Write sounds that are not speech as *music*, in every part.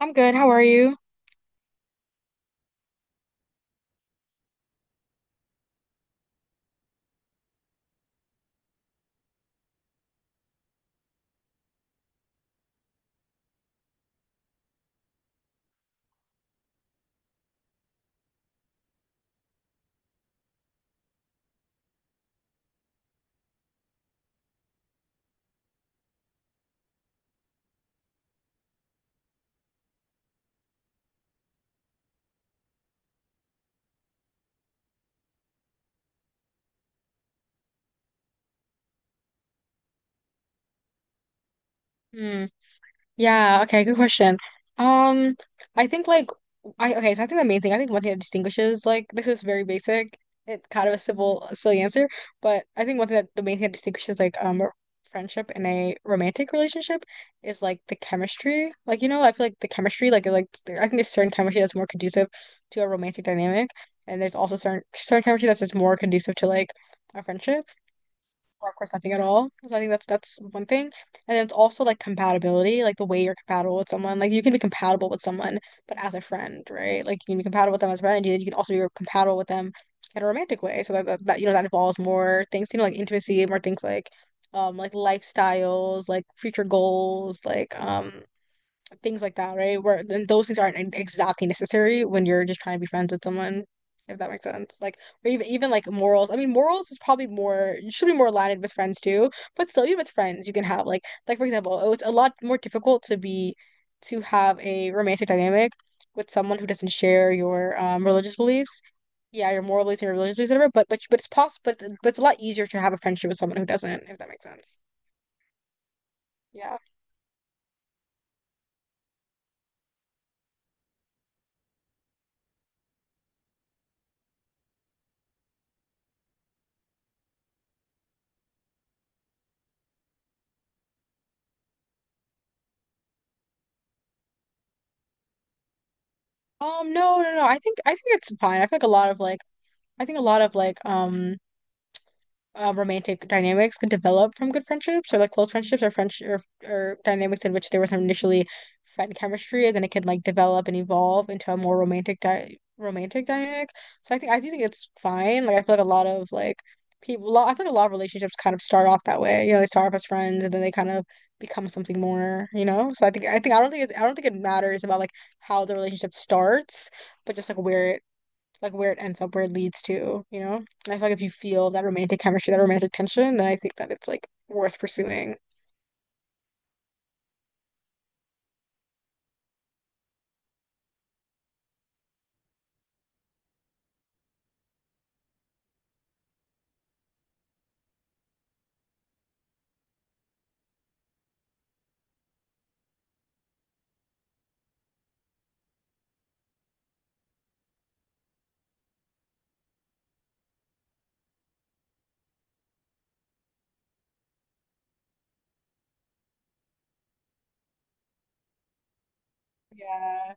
I'm good. How are you? Hmm. Yeah. Okay. Good question. Um, I think like I okay. So I think the main thing I think one thing that distinguishes like this is very basic. It kind of a simple silly answer, but I think one thing that the main thing that distinguishes like a friendship and a romantic relationship is like the chemistry. Like you know, I feel like the chemistry like, I think there's certain chemistry that's more conducive to a romantic dynamic, and there's also certain chemistry that's just more conducive to like a friendship, or of course nothing at all. So I think that's one thing. And then it's also like compatibility, like the way you're compatible with someone. Like you can be compatible with someone, but as a friend, right? Like you can be compatible with them as a friend, and you can also be compatible with them in a romantic way. So that, you know, that involves more things, you know, like intimacy, more things like lifestyles, like future goals, like things like that, right? Where then those things aren't exactly necessary when you're just trying to be friends with someone, if that makes sense. Like, or even like morals. I mean, morals is probably more, you should be more aligned with friends too, but still, even with friends, you can have like for example, oh, it's a lot more difficult to be to have a romantic dynamic with someone who doesn't share your religious beliefs. Yeah, your moral beliefs and your religious beliefs, whatever. But it's possible. But it's a lot easier to have a friendship with someone who doesn't, if that makes sense. Yeah. No. I think it's fine. I feel like a lot of like, I think a lot of like romantic dynamics can develop from good friendships or like close friendships or friends or dynamics in which there was some initially friend chemistry and then it can like develop and evolve into a more romantic dynamic. So I think I do think it's fine. Like I feel like a lot of like I feel like a lot of relationships kind of start off that way. You know, they start off as friends and then they kind of become something more. You know, so I think I don't think it's, I don't think it matters about like how the relationship starts, but just like where it, like where it ends up, where it leads to, you know? And I feel like if you feel that romantic chemistry, that romantic tension, then I think that it's like worth pursuing. Yeah.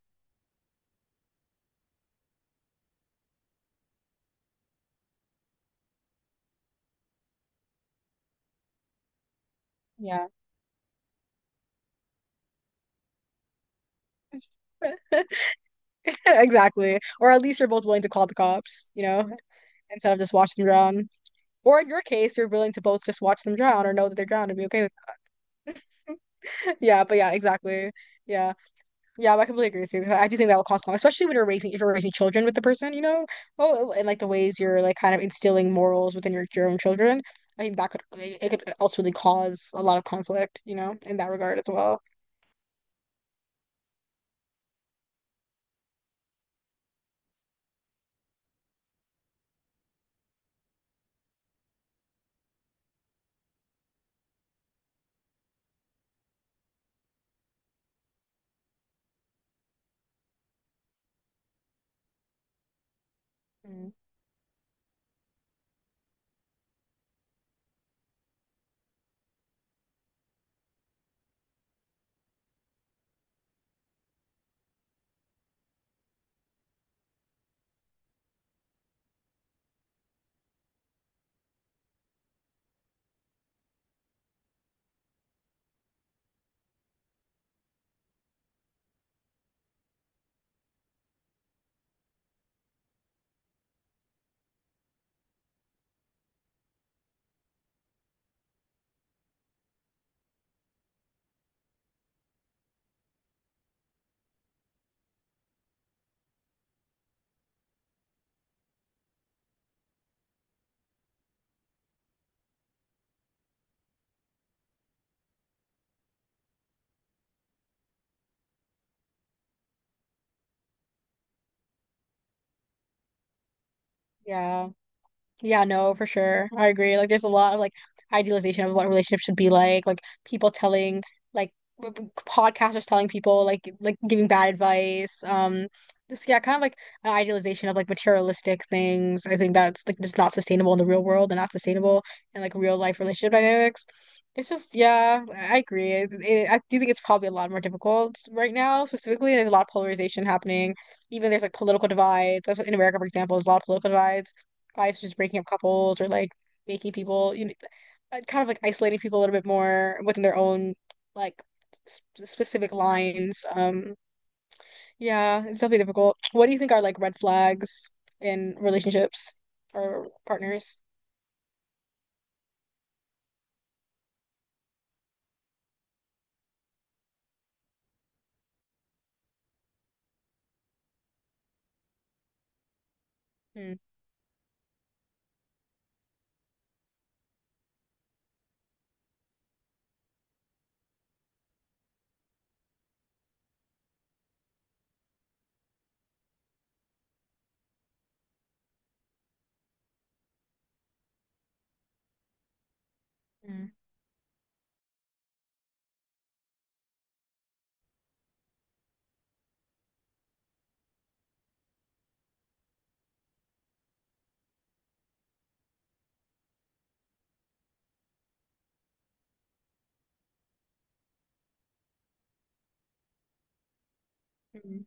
Yeah. *laughs* Exactly. Or at least you're both willing to call the cops, you know, instead of just watch them drown. Or in your case, you're willing to both just watch them drown or know that they're drowned and be okay with it. *laughs* Yeah, but yeah, exactly. Yeah. Yeah, I completely agree with you. 'Cause I do think that will cause, a especially when you're raising if you're raising children with the person, you know. Oh, and like the ways you're like kind of instilling morals within your own children. I think that could ultimately cause a lot of conflict, you know, in that regard as well. Mm. Yeah. Yeah, no, for sure. I agree. Like, there's a lot of like idealization of what relationships should be like. Like, people telling like podcasters telling people like giving bad advice. This, yeah, kind of like an idealization of like materialistic things. I think that's like just not sustainable in the real world and not sustainable in like real life relationship dynamics. It's just, yeah, I agree. I do think it's probably a lot more difficult right now. Specifically, there's a lot of polarization happening. Even there's like political divides. In America, for example, there's a lot of political divides wives just breaking up couples or like making people, you know, kind of like isolating people a little bit more within their own like sp specific lines. Yeah, it's definitely difficult. What do you think are like red flags in relationships or partners? Mm, mm, mm.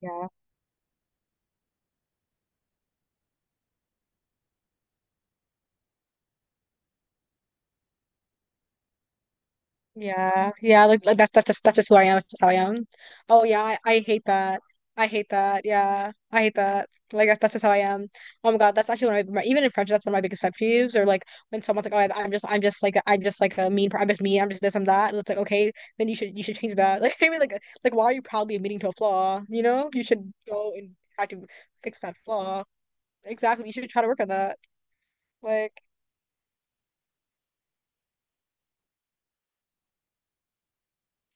Yeah. Yeah, yeah, like that's that's just who I am. That's just how I am. Oh yeah, I hate that. I hate that. Yeah, I hate that. Like that's just how I am. Oh my God, that's actually one of my, even in friendship, that's one of my biggest pet peeves. Or like when someone's like, "Oh, I'm just like, I'm just like a mean, I'm just mean. I'm just this. I'm that." And it's like, okay, then you should, you should change that. *laughs* Like I mean, like why are you proudly admitting to a flaw? You know, you should go and try to fix that flaw. Exactly, you should try to work on that. Like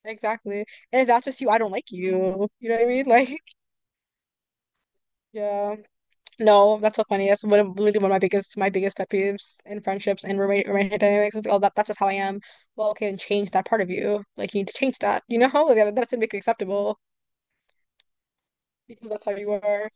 exactly. And if that's just you, I don't like you. You know what I mean? *laughs* Like yeah. No, that's so funny. That's one of literally one of my biggest, my biggest pet peeves in friendships and roommate romantic dynamics is like, oh, that, that's just how I am. Well, okay, then change that part of you. Like you need to change that, you know? *laughs* Like, that doesn't make it acceptable because that's how you are.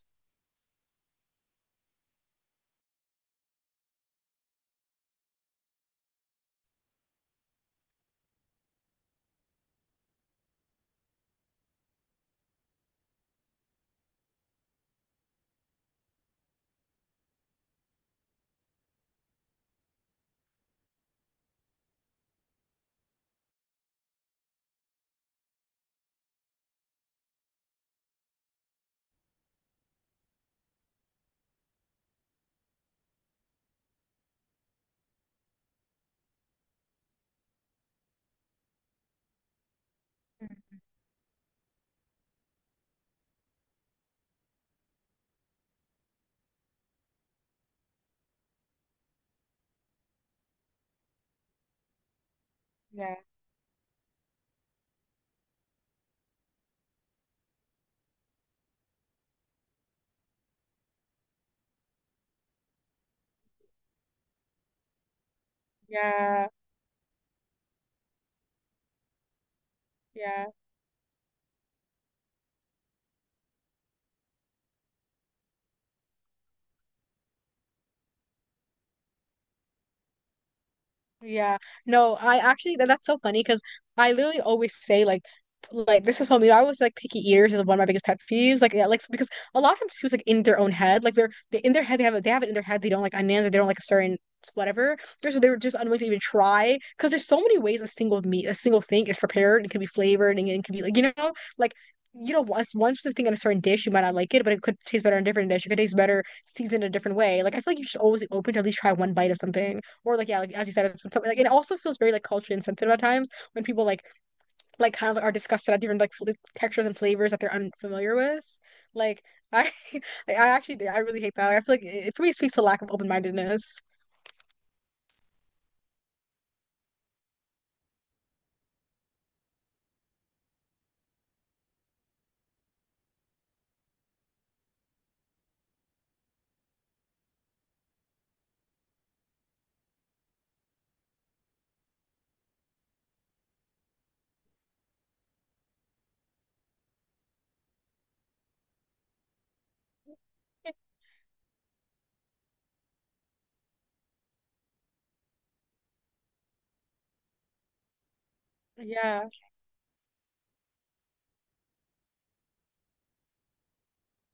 Yeah. Yeah, yeah. Yeah. No, I actually that, that's so funny because I literally always say like this is something, I was like, picky eaters is one of my biggest pet peeves. Like yeah, like because a lot of times too it's like in their own head. Like they're, they in their head they have it, they have it in their head they don't like onions or they don't like a certain whatever. They're so, they're just unwilling to even try because there's so many ways a single meat, a single thing is prepared and can be flavored, and it can be like, you know, like, you know, one specific thing in a certain dish, you might not like it, but it could taste better in a different dish. It could taste better seasoned a different way. Like I feel like you should always be open to at least try one bite of something. Or like yeah, like as you said, it's something like, and it also feels very like culturally insensitive at times when people like kind of are disgusted at different like fl textures and flavors that they're unfamiliar with. Like I, *laughs* I actually I really hate that. Like, I feel like it for me speaks to lack of open-mindedness. Yeah.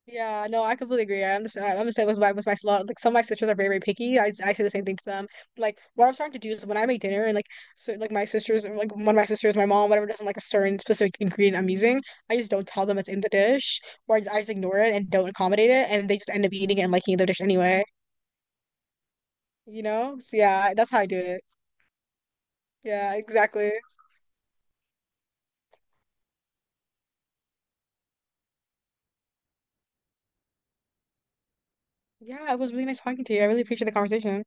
Yeah, no, I completely agree. I understand. I understand with my, with my lot. Like some of my sisters are very very picky. I say the same thing to them. Like what I'm starting to do is when I make dinner and like, so like my sisters or, like one of my sisters, my mom, whatever doesn't like a certain specific ingredient I'm using, I just don't tell them it's in the dish, or I just ignore it and don't accommodate it, and they just end up eating it and liking the dish anyway. You know? So yeah, that's how I do it. Yeah, exactly. Yeah, it was really nice talking to you. I really appreciate the conversation.